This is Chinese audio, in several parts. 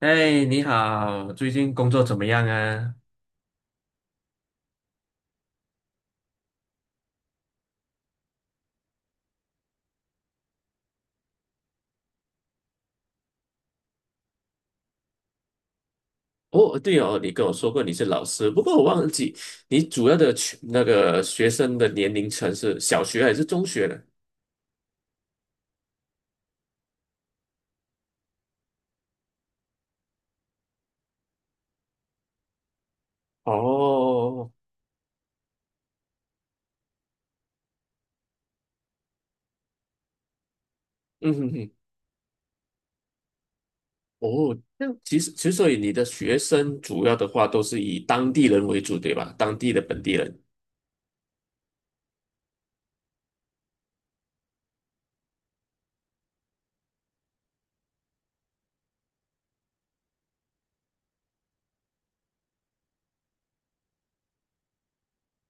哎，你好，最近工作怎么样啊？哦，对哦，你跟我说过你是老师，不过我忘记你主要的群那个学生的年龄层是小学还是中学呢？哦，嗯哼哼。哦，那其实所以你的学生主要的话都是以当地人为主，对吧？当地的本地人。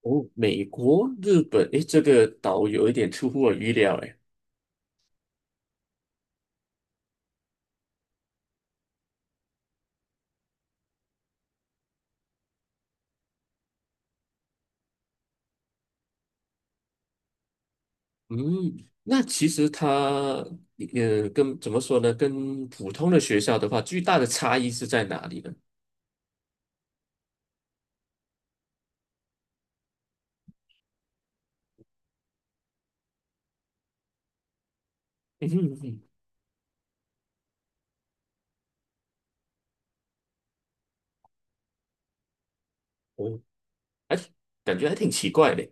哦，美国、日本，诶，这个岛有一点出乎我预料，诶。嗯，那其实它，跟怎么说呢？跟普通的学校的话，最大的差异是在哪里呢？嗯哼嗯哼。我哎，感觉还挺奇怪的。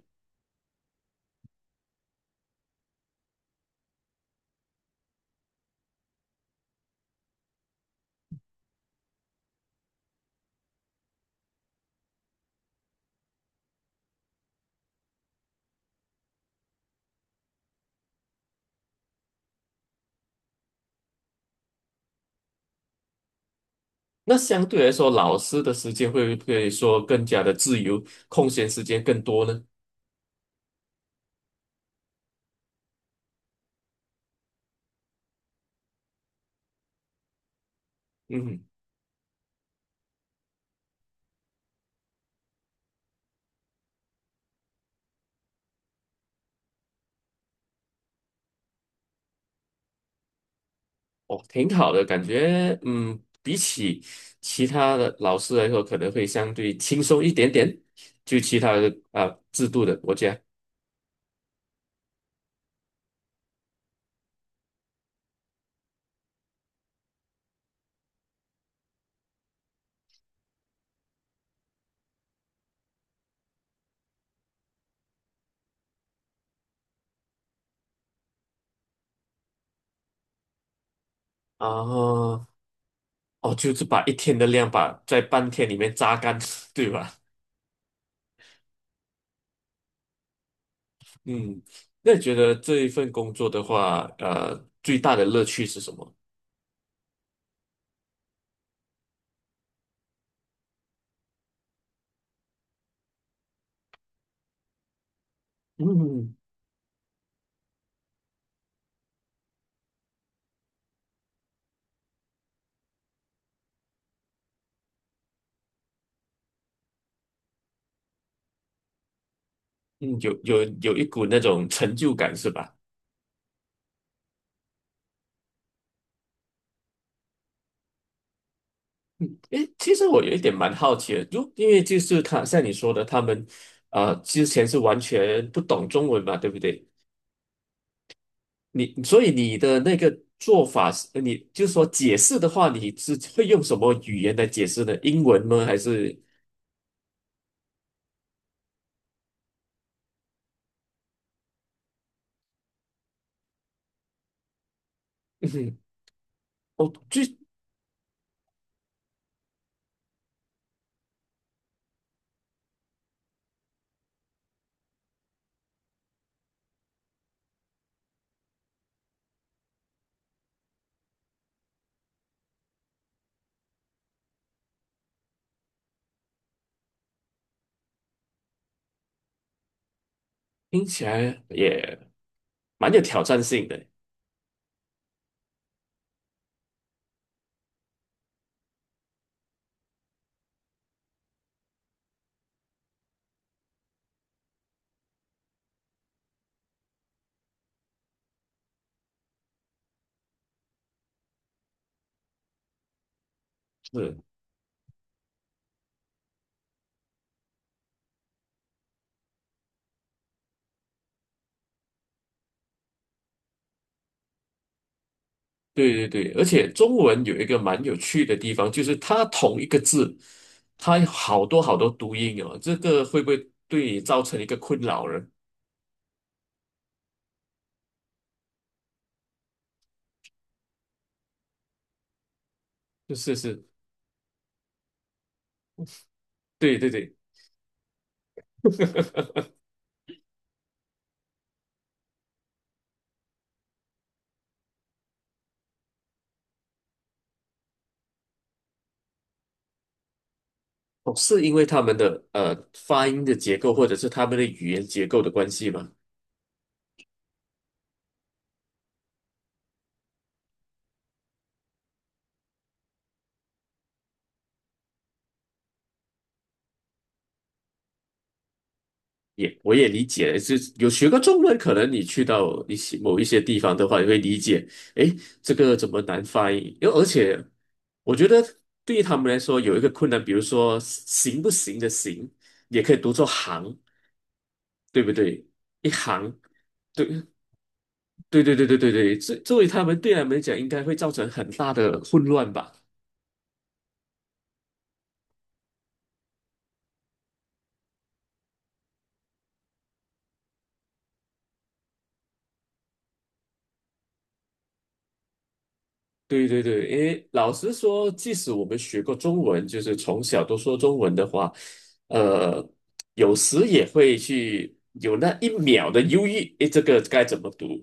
那相对来说，老师的时间会不会说更加的自由，空闲时间更多呢？嗯哼。哦，挺好的，感觉，嗯，比起其他的老师来说，可能会相对轻松一点点，就其他的啊、制度的国家啊。哦，就是把一天的量把在半天里面榨干，对吧？嗯，那你觉得这一份工作的话，最大的乐趣是什么？嗯嗯，有一股那种成就感是吧？嗯，诶，其实我有一点蛮好奇的，就因为就是他像你说的，他们之前是完全不懂中文嘛，对不对？所以你的那个做法是，你就是说解释的话，你是会用什么语言来解释呢？英文吗？还是？嗯哼。哦，就听起来也蛮有挑战性的。是，对对对，而且中文有一个蛮有趣的地方，就是它同一个字，它有好多好多读音哦。这个会不会对你造成一个困扰呢？就是是，对对对。哦，是因为他们的发音的结构，或者是他们的语言结构的关系吗？我也理解，就是有学过中文，可能你去到某一些地方的话，你会理解，诶，这个怎么难发音？因为而且我觉得对于他们来说有一个困难，比如说行不行的行，也可以读作行，对不对？一行，对对对对对对对，这作为他们对他们来讲，应该会造成很大的混乱吧？对对对，因为老实说，即使我们学过中文，就是从小都说中文的话，呃，有时也会去有那一秒的犹豫，诶，这个该怎么读？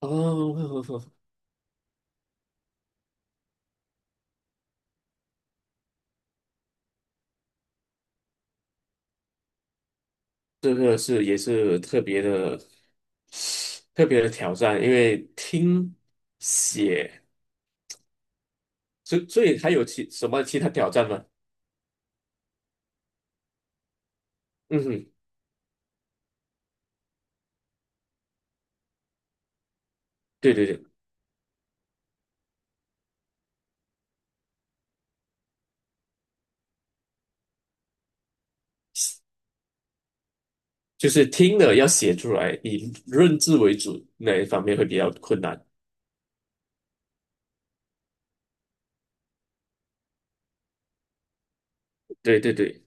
哦，这个也是特别的挑战，因为听写，所以还有什么其他挑战吗？嗯哼，对对对，就是听了要写出来，以认字为主那一方面会比较困难。对对对。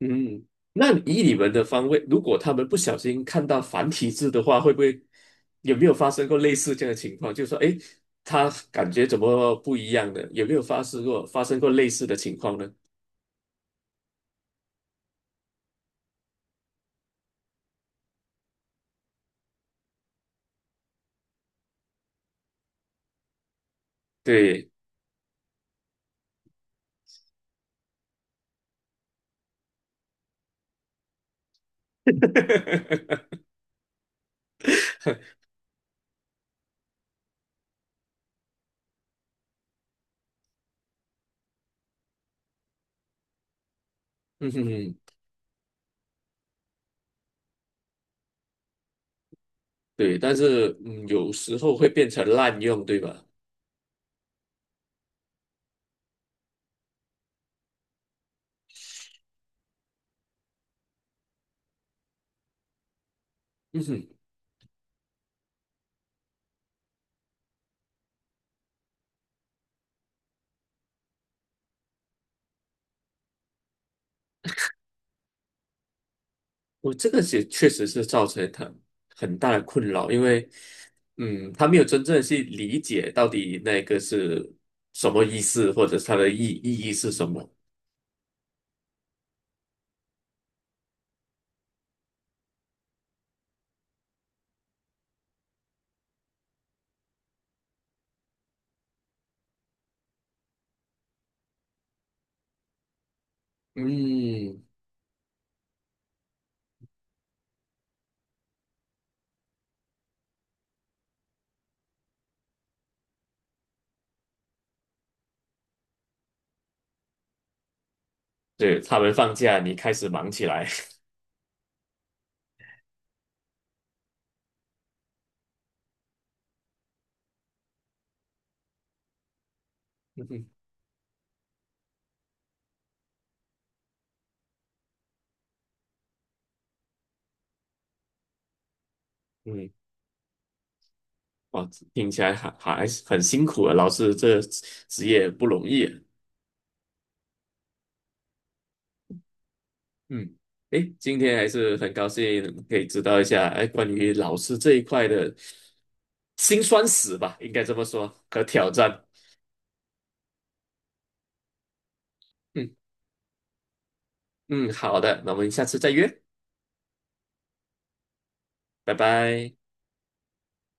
嗯，那以你们的方位，如果他们不小心看到繁体字的话，会不会有没有发生过类似这样的情况？就是说，诶，他感觉怎么不一样的？有没有发生过类似的情况呢？对，嗯哼哼。对，但是有时候会变成滥用，对吧？嗯哼。我这个也确实是造成他很大的困扰，因为他没有真正去理解到底那个是什么意思，或者是它的意义是什么。嗯，对，他们放假，你开始忙起来。嗯，嗯，哇，听起来还是很辛苦啊，老师这职业不容易啊嗯，诶，今天还是很高兴可以知道一下，哎，关于老师这一块的辛酸史吧，应该这么说，和挑战。嗯。嗯，好的，那我们下次再约，拜拜。